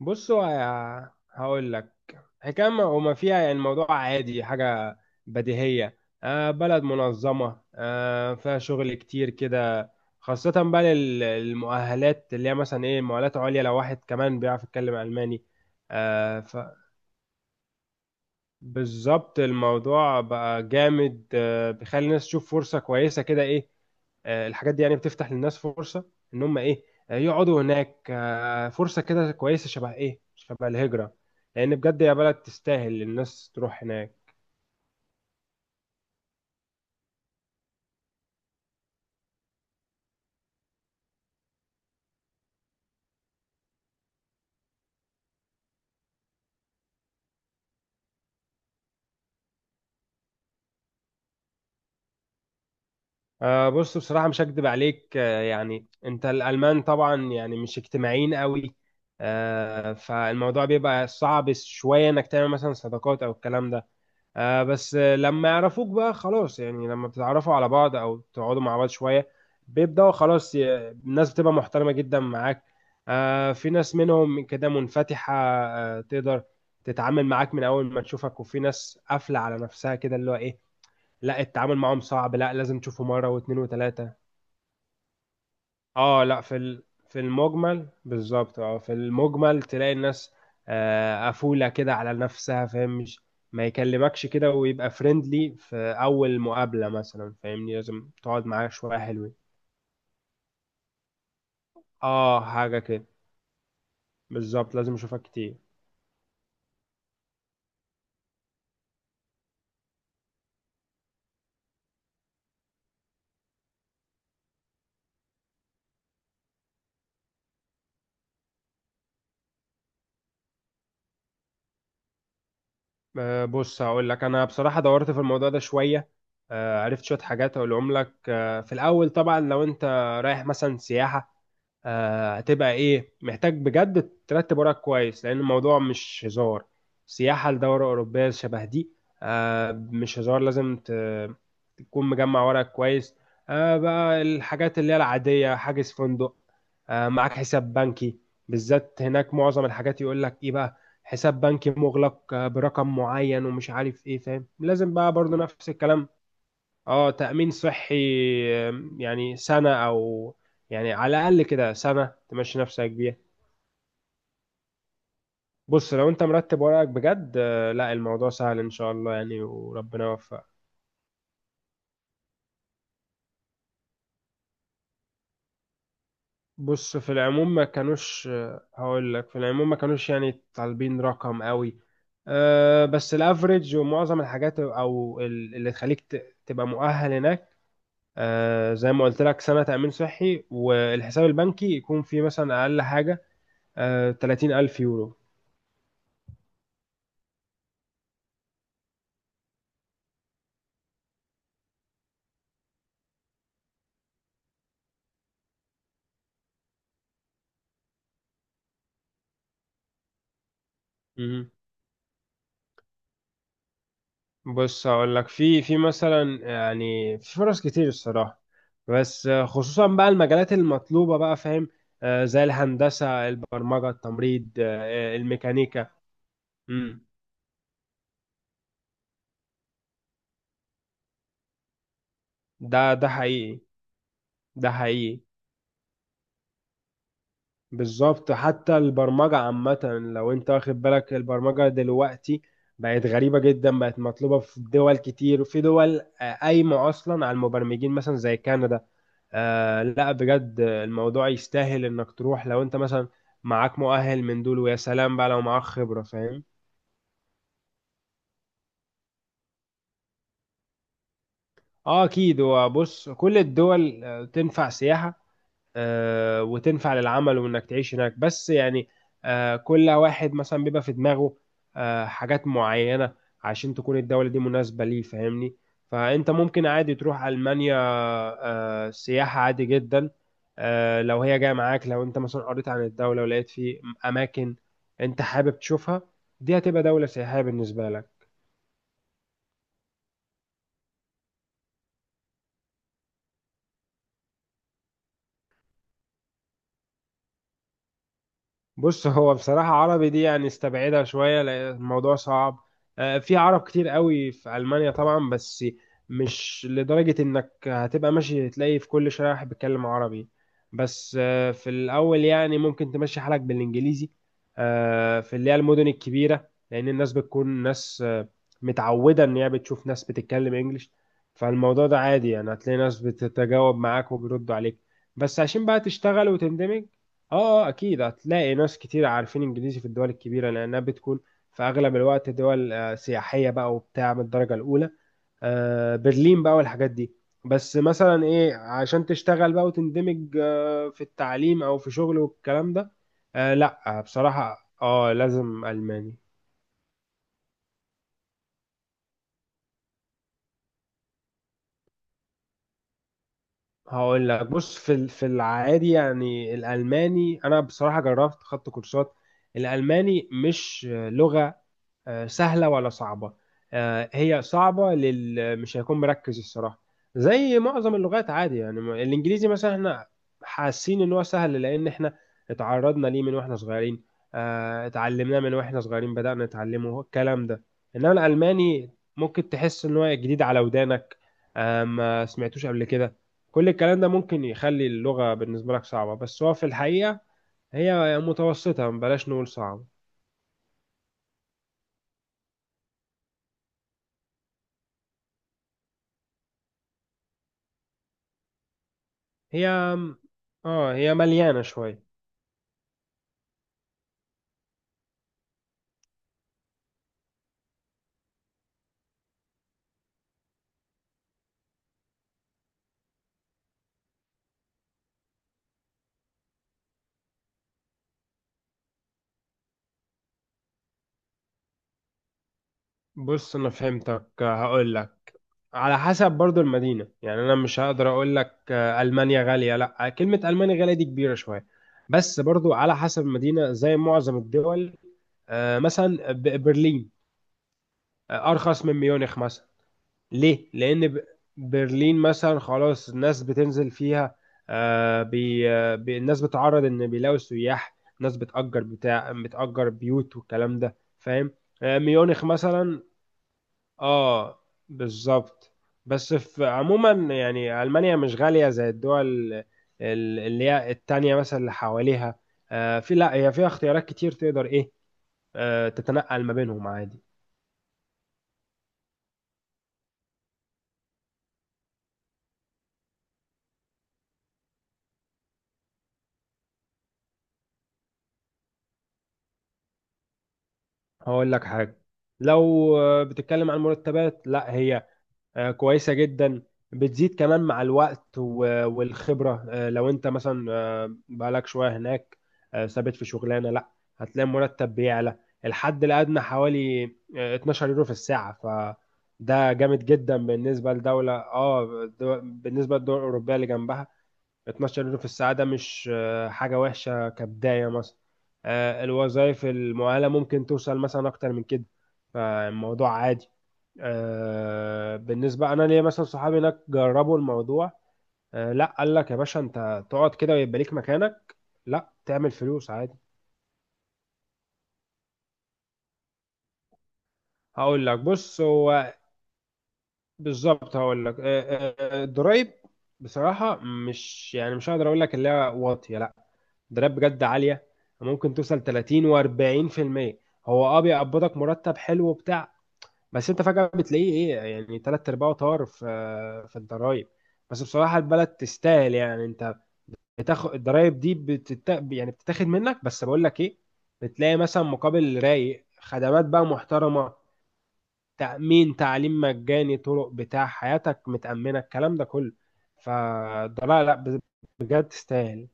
بصوا، هقول لك. حكاية ما وما فيها، يعني الموضوع عادي، حاجة بديهية. بلد منظمة، فيها شغل كتير كده، خاصة بقى للمؤهلات اللي هي مثلا ايه، مؤهلات عليا، لو واحد كمان بيعرف يتكلم ألماني. آه بالظبط الموضوع بقى جامد، بيخلي الناس تشوف فرصة كويسة كده، ايه. الحاجات دي يعني بتفتح للناس فرصة ان هم ايه، يقعدوا هناك، فرصة كده كويسة، شبه ايه، شبه الهجرة، لان بجد يا بلد تستاهل الناس تروح هناك. بص، بصراحة مش هكدب عليك، يعني انت الالمان طبعا يعني مش اجتماعيين قوي. فالموضوع بيبقى صعب شوية انك تعمل مثلا صداقات او الكلام ده. بس، لما يعرفوك بقى خلاص، يعني لما بتتعرفوا على بعض او تقعدوا مع بعض شويه، بيبداوا خلاص الناس بتبقى محترمه جدا معاك. في ناس منهم كده منفتحه، تقدر تتعامل معاك من اول ما تشوفك، وفي ناس قافله على نفسها كده اللي هو ايه، لا التعامل معاهم صعب، لا لازم تشوفه مره واثنين وثلاثه. اه لا، في في المجمل، بالظبط، في المجمل تلاقي الناس قفولة كده على نفسها، فاهم، مش ما يكلمكش كده ويبقى فريندلي في أول مقابلة مثلا، فاهمني، لازم تقعد معاه شوية حلوين. اه حاجة كده، بالظبط لازم اشوفك كتير. بص هقول لك، انا بصراحة دورت في الموضوع ده شوية، عرفت شوية حاجات اقولهم لك. في الاول طبعا لو انت رايح مثلا سياحة، هتبقى ايه، محتاج بجد ترتب وراك كويس لان الموضوع مش هزار. سياحة لدورة أوروبية شبه دي، مش هزار، لازم تكون مجمع وراك كويس. بقى الحاجات اللي هي العادية: حاجز فندق، معاك حساب بنكي، بالذات هناك معظم الحاجات يقول لك ايه بقى، حساب بنكي مغلق، برقم معين ومش عارف ايه، فاهم، لازم بقى برضو نفس الكلام. اه تأمين صحي، يعني سنة، أو يعني على الأقل كده سنة تمشي نفسك بيها. بص، لو أنت مرتب ورقك بجد، لا الموضوع سهل إن شاء الله، يعني وربنا يوفقك. بص، في العموم ما كانوش، هقول لك، في العموم ما كانوش يعني طالبين رقم قوي. بس الافريج ومعظم الحاجات او اللي تخليك تبقى مؤهل هناك، زي ما قلت لك سنة تأمين صحي، والحساب البنكي يكون فيه مثلا أقل حاجة 30,000 يورو. بص هقول لك، في مثلا، يعني في فرص كتير الصراحه، بس خصوصا بقى المجالات المطلوبه بقى، فاهم، زي الهندسه، البرمجه، التمريض، الميكانيكا. مم. ده حقيقي، ده حقيقي، بالظبط. حتى البرمجه عامه، لو انت واخد بالك البرمجه دلوقتي بقت غريبه جدا، بقت مطلوبه في دول كتير، وفي دول قايمه اصلا على المبرمجين، مثلا زي كندا. لا بجد الموضوع يستاهل انك تروح، لو انت مثلا معاك مؤهل من دول، ويا سلام بقى لو معاك خبرة، فاهم. اه اكيد، هو بص كل الدول تنفع سياحة، وتنفع للعمل وانك تعيش هناك، بس يعني كل واحد مثلا بيبقى في دماغه حاجات معينة عشان تكون الدولة دي مناسبة ليه، فاهمني. فانت ممكن عادي تروح ألمانيا سياحة عادي جدا، لو هي جاية معاك، لو انت مثلا قريت عن الدولة ولقيت في اماكن انت حابب تشوفها، دي هتبقى دولة سياحية بالنسبة لك. بص، هو بصراحة عربي دي يعني استبعدها شوية، لأن الموضوع صعب. في عرب كتير قوي في ألمانيا طبعا، بس مش لدرجة إنك هتبقى ماشي تلاقي في كل شارع واحد بيتكلم عربي. بس في الأول يعني ممكن تمشي حالك بالإنجليزي في اللي هي المدن الكبيرة، لأن الناس بتكون ناس متعودة إن هي بتشوف ناس بتتكلم إنجليش، فالموضوع ده عادي، يعني هتلاقي ناس بتتجاوب معاك وبيردوا عليك. بس عشان بقى تشتغل وتندمج اه اكيد هتلاقي ناس كتير عارفين انجليزي في الدول الكبيره، لانها بتكون في اغلب الوقت دول سياحيه بقى، وبتاع من الدرجه الاولى، برلين بقى والحاجات دي. بس مثلا ايه، عشان تشتغل بقى وتندمج في التعليم او في شغل والكلام ده، لا بصراحه لازم الماني. هقول لك، بص في في العادي يعني الالماني، انا بصراحه جربت خدت كورسات، الالماني مش لغه سهلة ولا صعبة، هي صعبة لل مش هيكون مركز الصراحة، زي معظم اللغات عادي، يعني الإنجليزي مثلا احنا حاسين إن هو سهل لأن احنا اتعرضنا ليه من واحنا صغيرين، اتعلمناه من واحنا صغيرين بدأنا نتعلمه، هو الكلام ده. إنما الألماني ممكن تحس إن هو جديد على ودانك، ما سمعتوش قبل كده، كل الكلام ده ممكن يخلي اللغة بالنسبة لك صعبة، بس هو في الحقيقة هي متوسطة، بلاش نقول صعبة. هي اه هي مليانة شوية. بص انا فهمتك، هقول لك، على حسب برضو المدينة. يعني انا مش هقدر اقول لك المانيا غالية، لا، كلمة المانيا غالية دي كبيرة شوية، بس برضو على حسب المدينة زي معظم الدول. مثلا برلين ارخص من ميونخ مثلا. ليه؟ لأن برلين مثلا خلاص الناس بتنزل فيها، آه بي آه، بي الناس بتعرض إن بيلاقوا سياح، ناس بتأجر بيوت والكلام ده، فاهم؟ ميونخ مثلا، اه بالظبط. بس في عموما يعني ألمانيا مش غالية زي الدول اللي هي التانية مثلا اللي حواليها. آه في لا هي فيها اختيارات كتير، تقدر إيه تتنقل ما بينهم عادي. هقول لك حاجة، لو بتتكلم عن مرتبات، لا هي كويسة جدا، بتزيد كمان مع الوقت والخبرة، لو انت مثلا بقالك شوية هناك ثابت في شغلانة، لا هتلاقي مرتب بيعلى. الحد الأدنى حوالي 12 يورو في الساعة، فده جامد جدا بالنسبة لدولة، بالنسبة للدول الأوروبية اللي جنبها. 12 يورو في الساعة، ده مش حاجة وحشة كبداية مثلا. الوظائف المؤهلة ممكن توصل مثلا أكتر من كده. فالموضوع عادي، بالنسبة أنا ليا مثلا صحابي هناك جربوا الموضوع، لا قال لك يا باشا أنت تقعد كده ويبقى ليك مكانك، لا تعمل فلوس عادي. هقول لك، بص هو بالظبط، هقول لك الضرايب بصراحه مش، يعني مش هقدر اقول لك اللي هي واطيه، لا الضرايب بجد عاليه، ممكن توصل 30 و40%. هو بيقبضك مرتب حلو وبتاع، بس انت فجاه بتلاقيه ايه، يعني تلات ارباعه طار في الضرايب. بس بصراحه البلد تستاهل، يعني انت بتاخد الضرايب دي يعني بتتاخد منك، بس بقول لك ايه، بتلاقي مثلا مقابل رايق، خدمات بقى محترمه، تأمين، تعليم مجاني، طرق، بتاع حياتك متأمنة، الكلام ده كله، فده لا لا بجد تستاهل.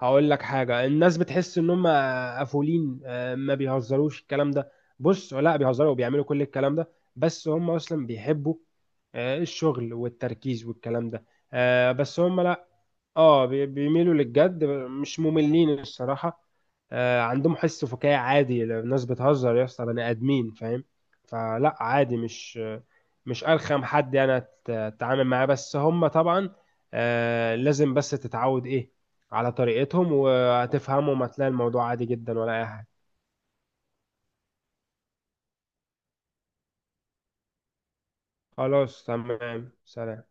هقول لك حاجة، الناس بتحس ان هم قفولين ما بيهزروش الكلام ده. بص لا، بيهزروا وبيعملوا كل الكلام ده، بس هم اصلا بيحبوا الشغل والتركيز والكلام ده، بس هم لا، بيميلوا للجد، مش مملين الصراحة. عندهم حس فكاهي عادي، لو الناس بتهزر يا اسطى بني آدمين، فاهم، فلا عادي، مش أرخم حد يعني، أتعامل معاه، بس هم طبعا لازم بس تتعود إيه على طريقتهم وهتفهمهم، هتلاقي الموضوع عادي جدا ولا أي حاجة. خلاص، تمام، سلام.